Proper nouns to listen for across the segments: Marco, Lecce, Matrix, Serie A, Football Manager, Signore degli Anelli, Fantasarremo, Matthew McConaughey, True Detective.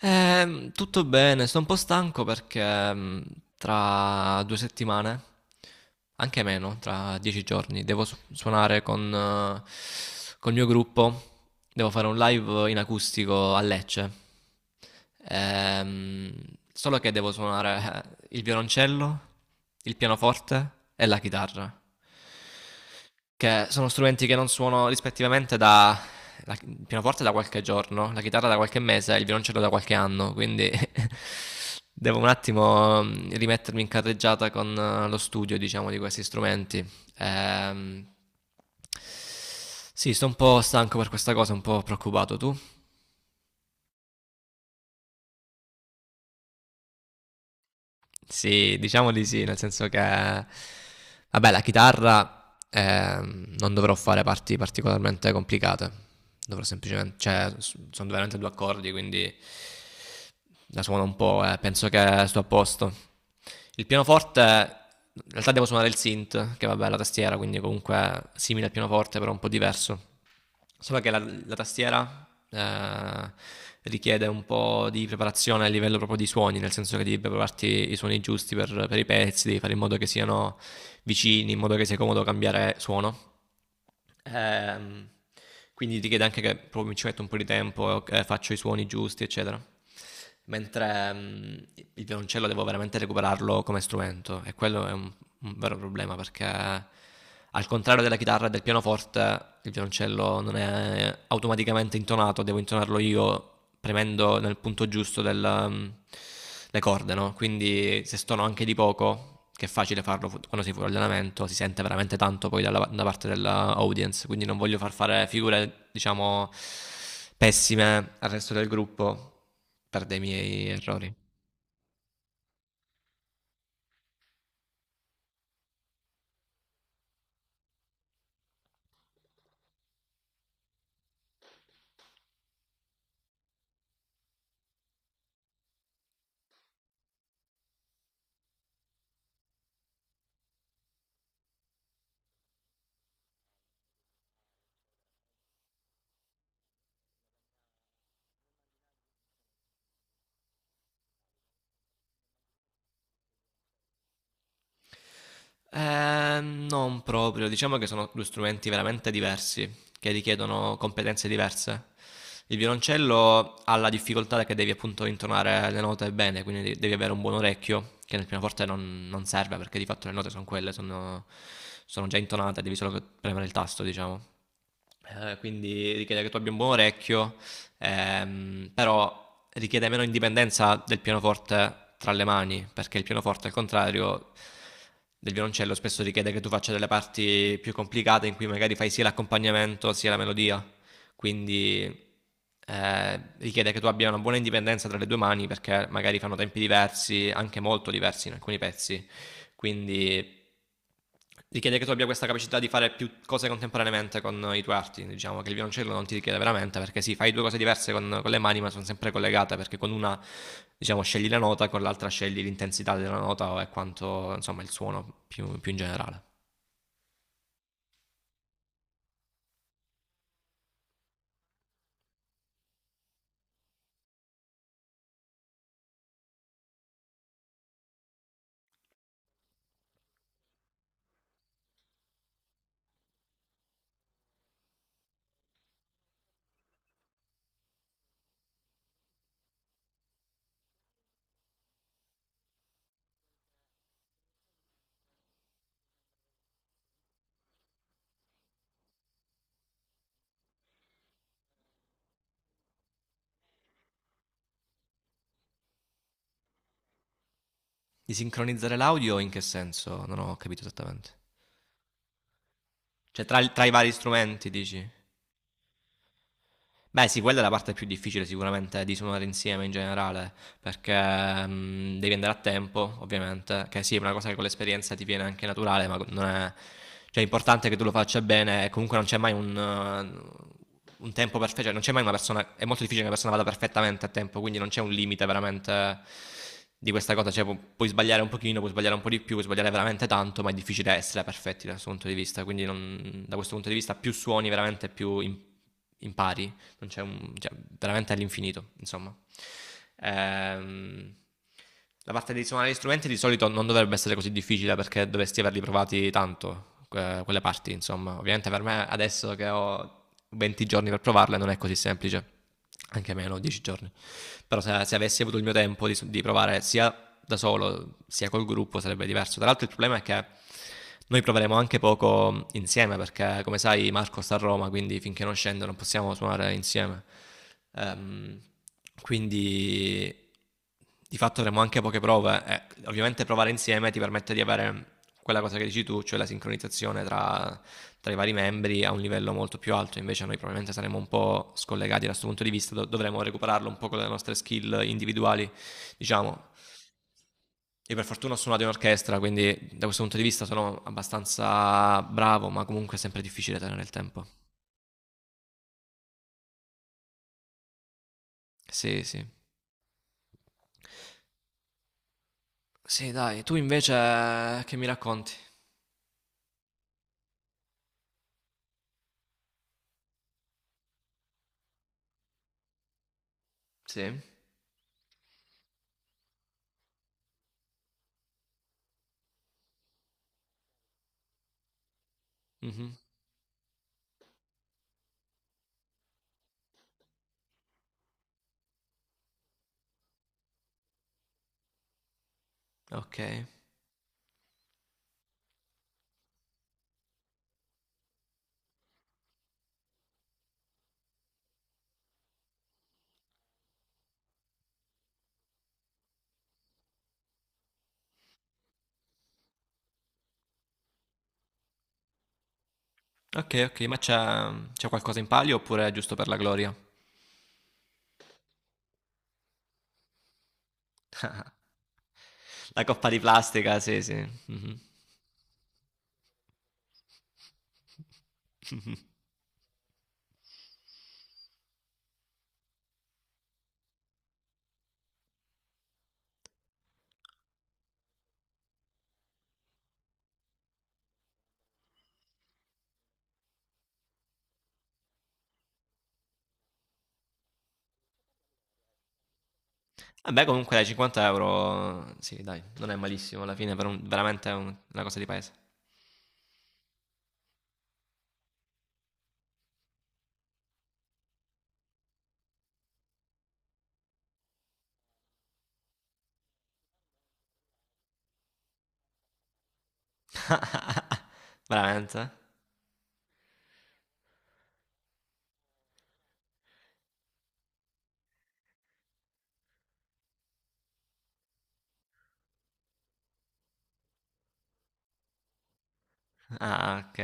Tutto bene, sto un po' stanco perché tra due settimane, anche meno, tra dieci giorni, devo suonare con, col mio gruppo. Devo fare un live in acustico a Lecce. Ehm, solo che devo suonare il violoncello, il pianoforte e la chitarra che sono strumenti che non suono rispettivamente da il pianoforte da qualche giorno, la chitarra da qualche mese e il violoncello da qualche anno, quindi devo un attimo rimettermi in carreggiata con lo studio, diciamo, di questi strumenti. Ehm, sì, sto un po' stanco per questa cosa, un po' preoccupato tu. Sì, diciamo di sì, nel senso che, vabbè, la chitarra non dovrò fare parti particolarmente complicate, dovrò semplicemente, cioè, sono veramente due accordi, quindi la suono un po', penso che sto a posto. Il pianoforte, in realtà devo suonare il synth, che vabbè è la tastiera, quindi comunque è simile al pianoforte, però un po' diverso. Solo che la tastiera richiede un po' di preparazione a livello proprio di suoni, nel senso che devi prepararti i suoni giusti per i pezzi, devi fare in modo che siano vicini, in modo che sia comodo cambiare suono. Ehm, quindi richiede anche che proprio ci metto un po' di tempo, faccio i suoni giusti, eccetera. Mentre il violoncello devo veramente recuperarlo come strumento e quello è un vero problema perché al contrario della chitarra e del pianoforte, il violoncello non è automaticamente intonato, devo intonarlo io premendo nel punto giusto del, le corde, no? Quindi se stono anche di poco, che è facile farlo quando si fuori allenamento, si sente veramente tanto poi dalla, da parte dell'audience, quindi non voglio far fare figure, diciamo, pessime al resto del gruppo per dei miei errori. Non proprio, diciamo che sono due strumenti veramente diversi, che richiedono competenze diverse. Il violoncello ha la difficoltà che devi appunto intonare le note bene, quindi devi avere un buon orecchio, che nel pianoforte non serve perché di fatto le note sono quelle, sono già intonate, devi solo premere il tasto, diciamo. Quindi richiede che tu abbia un buon orecchio però richiede meno indipendenza del pianoforte tra le mani, perché il pianoforte al contrario del violoncello spesso richiede che tu faccia delle parti più complicate in cui magari fai sia l'accompagnamento sia la melodia, quindi richiede che tu abbia una buona indipendenza tra le due mani perché magari fanno tempi diversi, anche molto diversi in alcuni pezzi, quindi richiede che tu abbia questa capacità di fare più cose contemporaneamente con i tuoi arti. Diciamo che il violoncello non ti richiede veramente, perché sì, fai due cose diverse con le mani, ma sono sempre collegate, perché con una, diciamo, scegli la nota, con l'altra scegli l'intensità della nota e quanto, insomma, il suono più, più in generale. Di sincronizzare l'audio in che senso? Non ho capito esattamente. Cioè, tra i vari strumenti, dici? Beh, sì, quella è la parte più difficile sicuramente di suonare insieme in generale, perché devi andare a tempo, ovviamente, che sì, è una cosa che con l'esperienza ti viene anche naturale, ma non è... Cioè, è importante che tu lo faccia bene e comunque non c'è mai un tempo perfetto, cioè non c'è mai una persona... È molto difficile che una persona vada perfettamente a tempo, quindi non c'è un limite veramente di questa cosa, cioè puoi sbagliare un pochino, puoi sbagliare un po' di più, puoi sbagliare veramente tanto, ma è difficile essere perfetti da questo punto di vista, quindi da questo punto di vista più suoni veramente più impari, non c'è un, cioè, veramente all'infinito, insomma. Ehm, la parte di suonare gli strumenti di solito non dovrebbe essere così difficile perché dovresti averli provati tanto, quelle parti, insomma. Ovviamente per me adesso che ho 20 giorni per provarle non è così semplice, anche meno 10 giorni. Però se avessi avuto il mio tempo di provare sia da solo sia col gruppo sarebbe diverso. Tra l'altro il problema è che noi proveremo anche poco insieme perché, come sai, Marco sta a Roma, quindi finché non scende non possiamo suonare insieme. Ehm, quindi di fatto avremo anche poche prove. E ovviamente provare insieme ti permette di avere quella cosa che dici tu, cioè la sincronizzazione tra, tra i vari membri a un livello molto più alto. Invece noi probabilmente saremo un po' scollegati da questo punto di vista, dovremo recuperarlo un po' con le nostre skill individuali, diciamo. Io per fortuna ho suonato in orchestra, quindi da questo punto di vista sono abbastanza bravo, ma comunque è sempre difficile tenere il tempo. Sì, sì. Sì, dai, tu invece che mi racconti? Sì? Mhm. Ok. Ok, ok, ma c'è qualcosa in palio oppure è giusto per la gloria? La coppa di plastica, sì, sì. Mhm. Vabbè, comunque dai, 50 euro, sì, dai, non è malissimo alla fine, per un- veramente è un- una cosa di paese. Veramente? Ah, ok.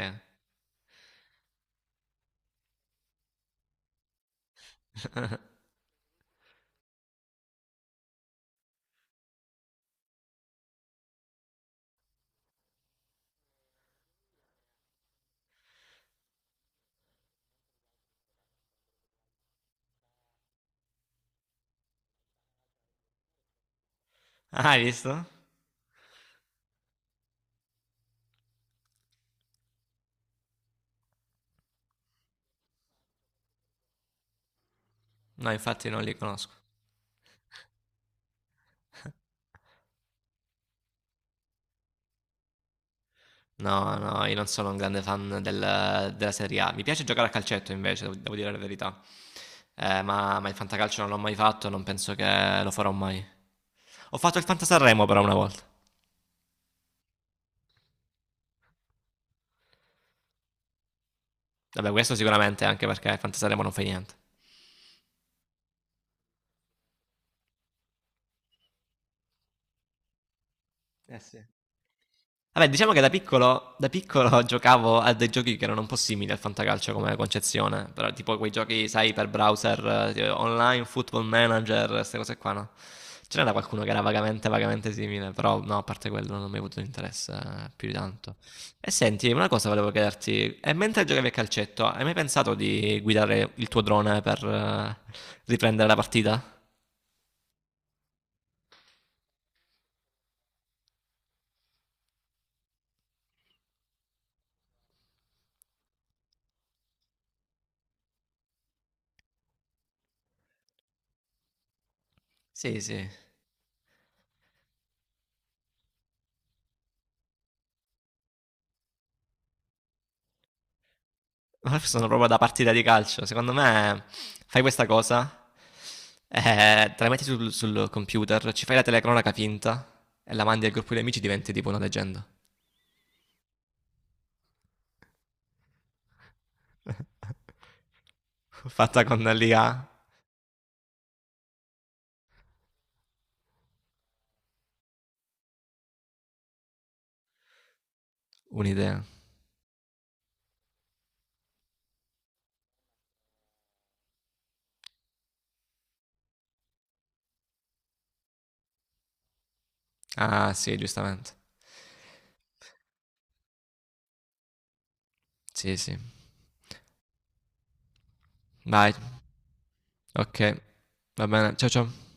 Ah, hai visto? No, infatti non li conosco. No, no, io non sono un grande fan del- della Serie A. Mi piace giocare a calcetto invece, devo dire la verità. Ma il fantacalcio non l'ho mai fatto, non penso che lo farò mai. Ho fatto il Fantasarremo però una volta. Vabbè, questo sicuramente anche perché il Fantasarremo non fa niente. Eh sì. Vabbè, diciamo che da piccolo giocavo a dei giochi che erano un po' simili al fantacalcio come concezione, però tipo quei giochi, sai, per browser, online, football manager, queste cose qua, no? Ce n'era qualcuno che era vagamente simile, però no, a parte quello non mi ha avuto interesse più di tanto. E senti, una cosa volevo chiederti, e mentre giocavi a calcetto, hai mai pensato di guidare il tuo drone per riprendere la partita? Sì, sì. Sono proprio da partita di calcio. Secondo me fai questa cosa, te la metti sul computer, ci fai la telecronaca finta e la mandi al gruppo di amici, diventi tipo una leggenda. Fatta con l'IA. Un'idea. Ah, sì, giustamente. Sì, sì. Vai. Ok, va bene. Ciao, ciao.